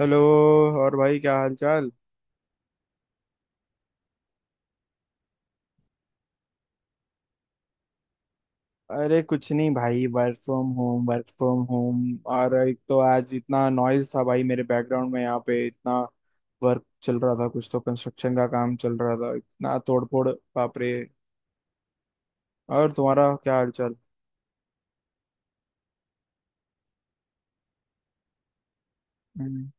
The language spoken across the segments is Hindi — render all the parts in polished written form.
हेलो। और भाई, क्या हाल चाल? अरे कुछ नहीं भाई, work from home work from home. और एक तो आज इतना नॉइज था भाई मेरे बैकग्राउंड में, यहाँ पे इतना वर्क चल रहा था, कुछ तो कंस्ट्रक्शन का काम चल रहा था, इतना तोड़फोड़। बाप रे। और तुम्हारा क्या हाल चाल? हम्म।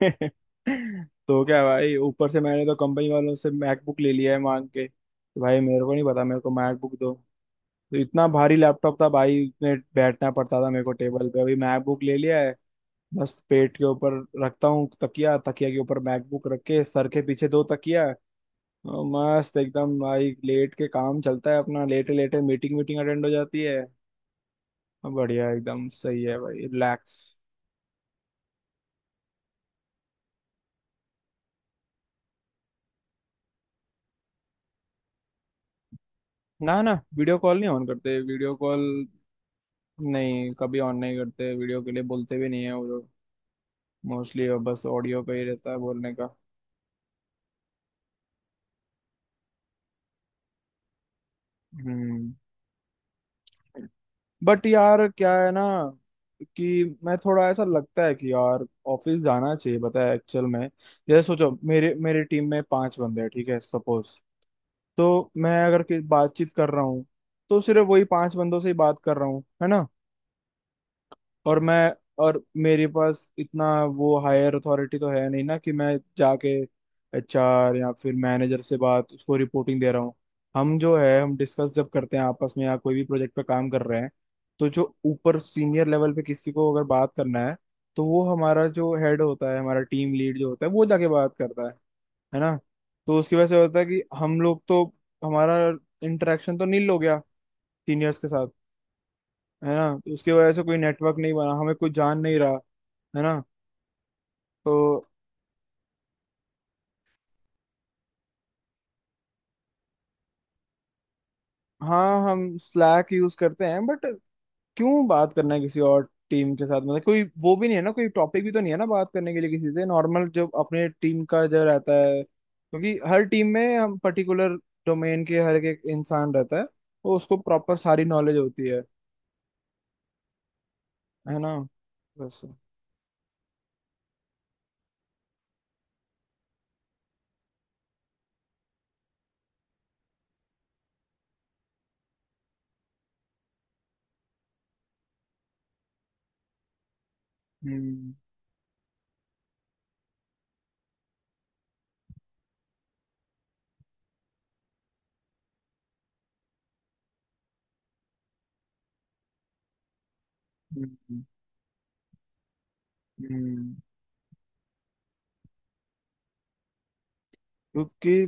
तो क्या भाई, ऊपर से मैंने तो कंपनी वालों से मैकबुक ले लिया है मांग के। तो भाई, मेरे को नहीं पता, मेरे को मैकबुक दो। तो इतना भारी लैपटॉप था भाई, उसमें बैठना पड़ता था मेरे को टेबल पे। अभी मैकबुक ले लिया है। बस पेट के ऊपर रखता हूँ, तकिया, तकिया के ऊपर मैकबुक रख के, सर के पीछे दो तकिया। और मस्त एकदम भाई, लेट के काम चलता है अपना, लेटे लेटे मीटिंग मीटिंग अटेंड हो जाती है। बढ़िया एकदम, सही है भाई, रिलैक्स। ना ना, वीडियो कॉल नहीं ऑन करते वीडियो कॉल। नहीं, कभी ऑन नहीं करते, वीडियो के लिए बोलते भी नहीं है वो लोग। मोस्टली बस ऑडियो का ही रहता है बोलने का। हम्म। बट यार क्या है ना कि मैं थोड़ा, ऐसा लगता है कि यार ऑफिस जाना चाहिए, पता है, एक्चुअल में। जैसे सोचो, मेरे मेरी टीम में पांच बंदे हैं, ठीक है, सपोज। तो मैं अगर बातचीत कर रहा हूँ, तो सिर्फ वही पांच बंदों से ही बात कर रहा हूँ, है ना। और मैं और मेरे पास इतना वो हायर अथॉरिटी तो है नहीं ना, कि मैं जाके एचआर या फिर मैनेजर से बात, उसको रिपोर्टिंग दे रहा हूँ। हम जो है हम डिस्कस जब करते हैं आपस में, या कोई भी प्रोजेक्ट पे काम कर रहे हैं, तो जो ऊपर सीनियर लेवल पे किसी को अगर बात करना है, तो वो हमारा जो हेड होता है, हमारा टीम लीड जो होता है, वो जाके बात करता है ना। तो उसकी वजह से होता है कि हम लोग तो, हमारा इंटरेक्शन तो नील हो गया सीनियर्स के साथ। है ना, तो उसकी वजह से कोई नेटवर्क नहीं बना, हमें कोई जान नहीं रहा, है ना। तो हाँ, हम स्लैक यूज करते हैं बट क्यों बात करना है किसी और टीम के साथ? मतलब कोई वो भी नहीं है ना, कोई टॉपिक भी तो नहीं है ना बात करने के लिए किसी से। नॉर्मल जो अपने टीम का जो रहता है, क्योंकि हर टीम में हम पर्टिकुलर डोमेन के हर एक इंसान रहता है, तो उसको प्रॉपर सारी नॉलेज होती है ना। बस। हम्म, हम्म। हम्म। क्योंकि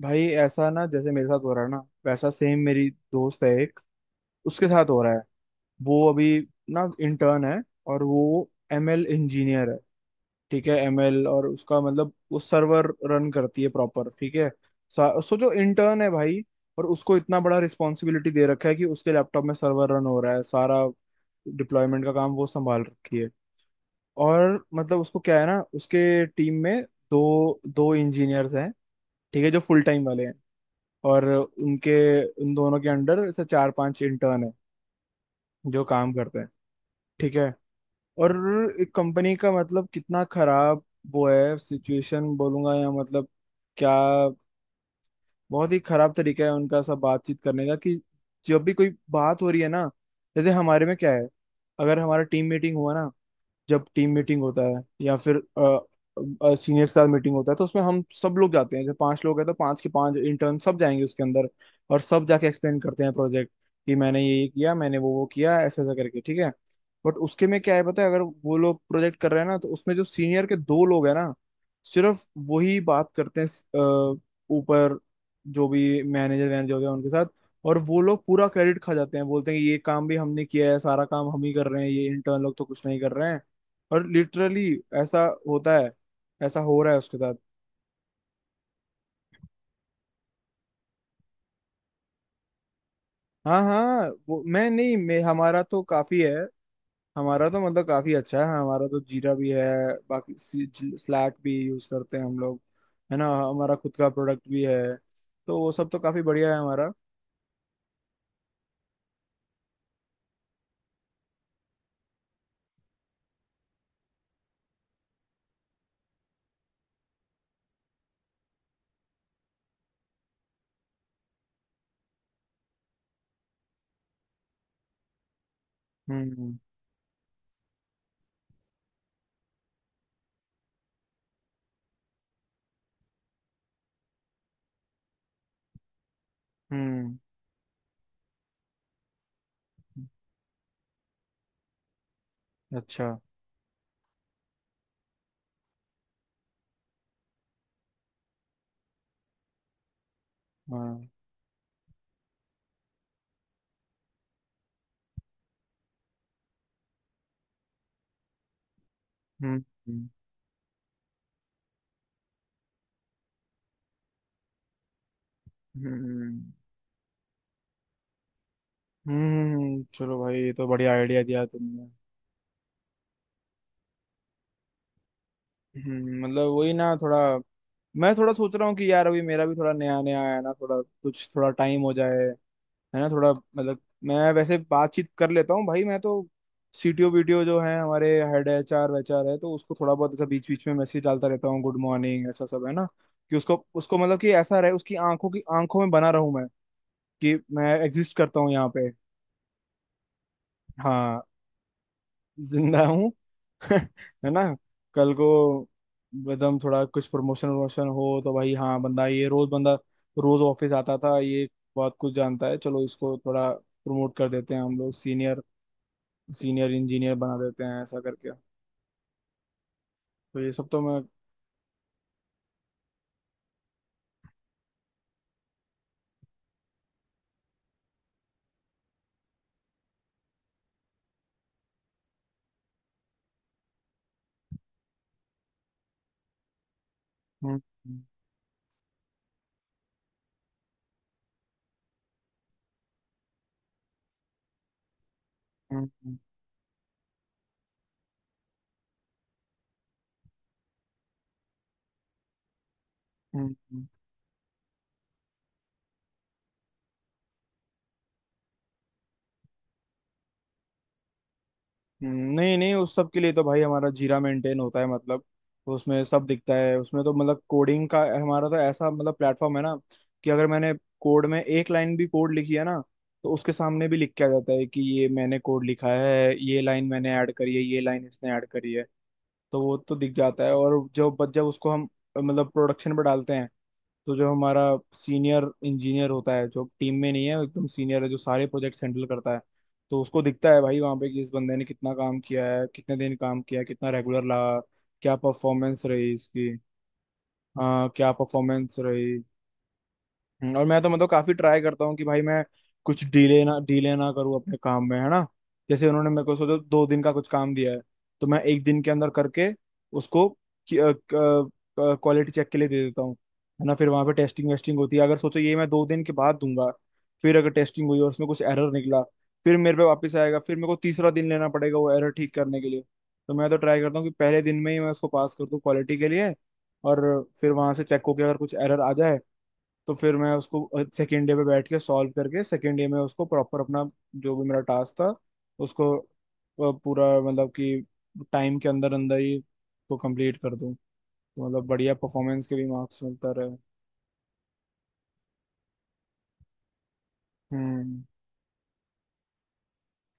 भाई ऐसा, ना, जैसे मेरे साथ हो रहा है ना, वैसा सेम मेरी दोस्त है एक, उसके साथ हो रहा है। वो अभी ना इंटर्न है, और वो एमएल इंजीनियर है, ठीक है एमएल। और उसका मतलब वो सर्वर रन करती है प्रॉपर, ठीक है। सो जो इंटर्न है भाई, और उसको इतना बड़ा रिस्पॉन्सिबिलिटी दे रखा है, कि उसके लैपटॉप में सर्वर रन हो रहा है, सारा डिप्लॉयमेंट का काम वो संभाल रखी है। और मतलब उसको क्या है ना, उसके टीम में दो दो इंजीनियर्स हैं, ठीक है, जो फुल टाइम वाले हैं। और उनके, उन दोनों के अंडर से चार पांच इंटर्न है जो काम करते हैं, ठीक है। और एक कंपनी का, मतलब कितना खराब वो है सिचुएशन, बोलूंगा या मतलब क्या, बहुत ही खराब तरीका है उनका सब बातचीत करने का। कि जब भी कोई बात हो रही है ना, जैसे हमारे में क्या है, अगर हमारा टीम मीटिंग हुआ ना, जब टीम मीटिंग होता है या फिर सीनियर के साथ मीटिंग होता है, तो उसमें हम सब लोग जाते हैं। जब पांच लोग हैं तो पांच के पांच इंटर्न सब जाएंगे उसके अंदर, और सब जाके एक्सप्लेन करते हैं प्रोजेक्ट, कि मैंने ये किया, मैंने वो किया, ऐसा ऐसा करके, ठीक है। बट उसके में क्या है पता है, अगर वो लोग प्रोजेक्ट कर रहे हैं ना, तो उसमें जो सीनियर के दो लोग हैं ना, सिर्फ वही बात करते हैं अ, ऊपर, जो भी मैनेजर वैनेजर होते हैं उनके साथ। और वो लोग पूरा क्रेडिट खा जाते हैं, बोलते हैं कि ये काम भी हमने किया है, सारा काम हम ही कर रहे हैं, ये इंटर्न लोग तो कुछ नहीं कर रहे हैं। और लिटरली ऐसा होता है, ऐसा हो रहा है उसके साथ। हाँ हाँ, वो मैं नहीं, मैं हमारा तो काफी है, हमारा तो मतलब काफी अच्छा है, हमारा तो जीरा भी है, बाकी स्लैक भी यूज करते हैं हम लोग, है ना, हमारा खुद का प्रोडक्ट भी है। तो वो सब तो काफी बढ़िया है हमारा। हम्म, हम्म। अच्छा। हाँ। हम्म, हम्म। हम्म, हम्म। चलो भाई, ये तो बढ़िया आइडिया दिया तुमने। हम्म, मतलब वही ना, थोड़ा मैं थोड़ा सोच रहा हूँ कि यार, अभी मेरा भी थोड़ा नया नया आया है ना, थोड़ा कुछ थोड़ा टाइम हो जाए, है ना, थोड़ा मतलब। मैं वैसे बातचीत कर लेता हूँ भाई, मैं तो सीटीओ वीटीओ जो है हमारे हेड, एचआर वेचआर है, तो उसको थोड़ा बहुत ऐसा बीच बीच में मैसेज डालता रहता हूँ, गुड मॉर्निंग ऐसा सब, है ना। कि उसको उसको मतलब कि ऐसा रहे, उसकी आंखों में बना रहूं मैं, कि मैं एग्जिस्ट करता हूँ यहाँ पे। हाँ, जिंदा हूँ। है ना, कल को एकदम थोड़ा कुछ प्रमोशन प्रमोशन हो, तो भाई हाँ, बंदा ये रोज, बंदा रोज ऑफिस आता था ये, बहुत कुछ जानता है, चलो इसको थोड़ा प्रमोट कर देते हैं हम लोग, सीनियर सीनियर इंजीनियर बना देते हैं, ऐसा करके। तो ये सब तो मैं। हम्म हम्म, हम्म। हम्म। नहीं नहीं, उस सब के लिए तो भाई हमारा जीरा मेंटेन होता है, मतलब उसमें सब दिखता है। उसमें तो मतलब कोडिंग का हमारा तो ऐसा मतलब प्लेटफॉर्म है ना, कि अगर मैंने कोड में एक लाइन भी कोड लिखी है ना, तो उसके सामने भी लिख के आ जाता है कि ये मैंने कोड लिखा है, ये लाइन मैंने ऐड करी है, ये लाइन इसने ऐड करी है। तो वो तो दिख जाता है। और जब जब उसको हम मतलब प्रोडक्शन पर डालते हैं, तो जो हमारा सीनियर इंजीनियर होता है, जो टीम में नहीं है, वो एकदम सीनियर है जो सारे प्रोजेक्ट्स हैंडल करता है, तो उसको दिखता है भाई वहाँ पे, कि इस बंदे ने कितना काम किया है, कितने दिन काम किया है, कितना रेगुलर लगा, क्या परफॉर्मेंस रही इसकी। हाँ, क्या परफॉर्मेंस रही। और मैं तो मतलब काफी ट्राई करता हूँ कि भाई मैं कुछ डीले ना करूँ अपने काम में, है ना। जैसे उन्होंने मेरे को सोचो 2 दिन का कुछ काम दिया है, तो मैं 1 दिन के अंदर करके उसको क्वालिटी चेक के लिए दे देता हूँ, है ना। फिर वहां पे टेस्टिंग वेस्टिंग होती है। अगर सोचो ये मैं 2 दिन के बाद दूंगा, फिर अगर टेस्टिंग हुई और उसमें कुछ एरर निकला, फिर मेरे पे वापस आएगा, फिर मेरे को तीसरा दिन लेना पड़ेगा वो एरर ठीक करने के लिए। तो मैं तो ट्राई करता हूँ कि पहले दिन में ही मैं उसको पास कर दूँ क्वालिटी के लिए। और फिर वहां से चेक होकर अगर कुछ एरर आ जाए, तो फिर मैं उसको सेकेंड डे पे बैठ के सॉल्व करके, सेकेंड डे में उसको प्रॉपर अपना, जो भी मेरा टास्क था उसको पूरा, मतलब कि टाइम के अंदर अंदर ही को कंप्लीट कर दूं। तो मतलब बढ़िया परफॉर्मेंस के भी मार्क्स मिलता रहे। हम्म।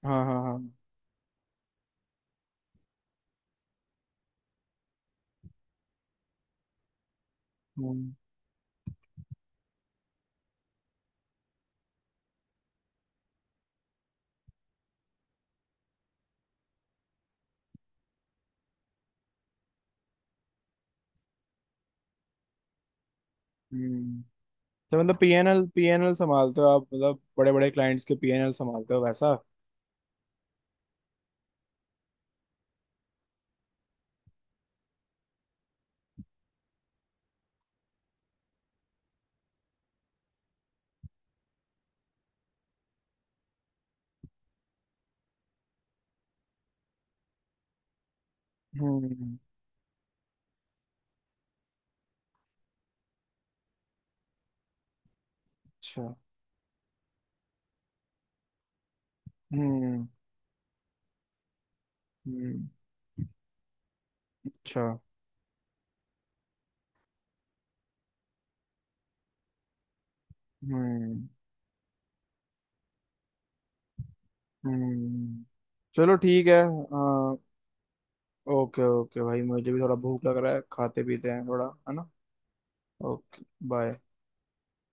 हाँ हाँ हाँ। हम्म, हम्म। तो मतलब पीएनएल पीएनएल संभालते हो आप, मतलब बड़े बड़े क्लाइंट्स के पीएनएल संभालते हो वैसा। हम्म। अच्छा। हम्म, हम्म। अच्छा। हम्म, हम्म। चलो ठीक है। हाँ। ओके ओके भाई, मुझे भी थोड़ा भूख लग रहा है, खाते पीते हैं थोड़ा, है ना। Okay, bye.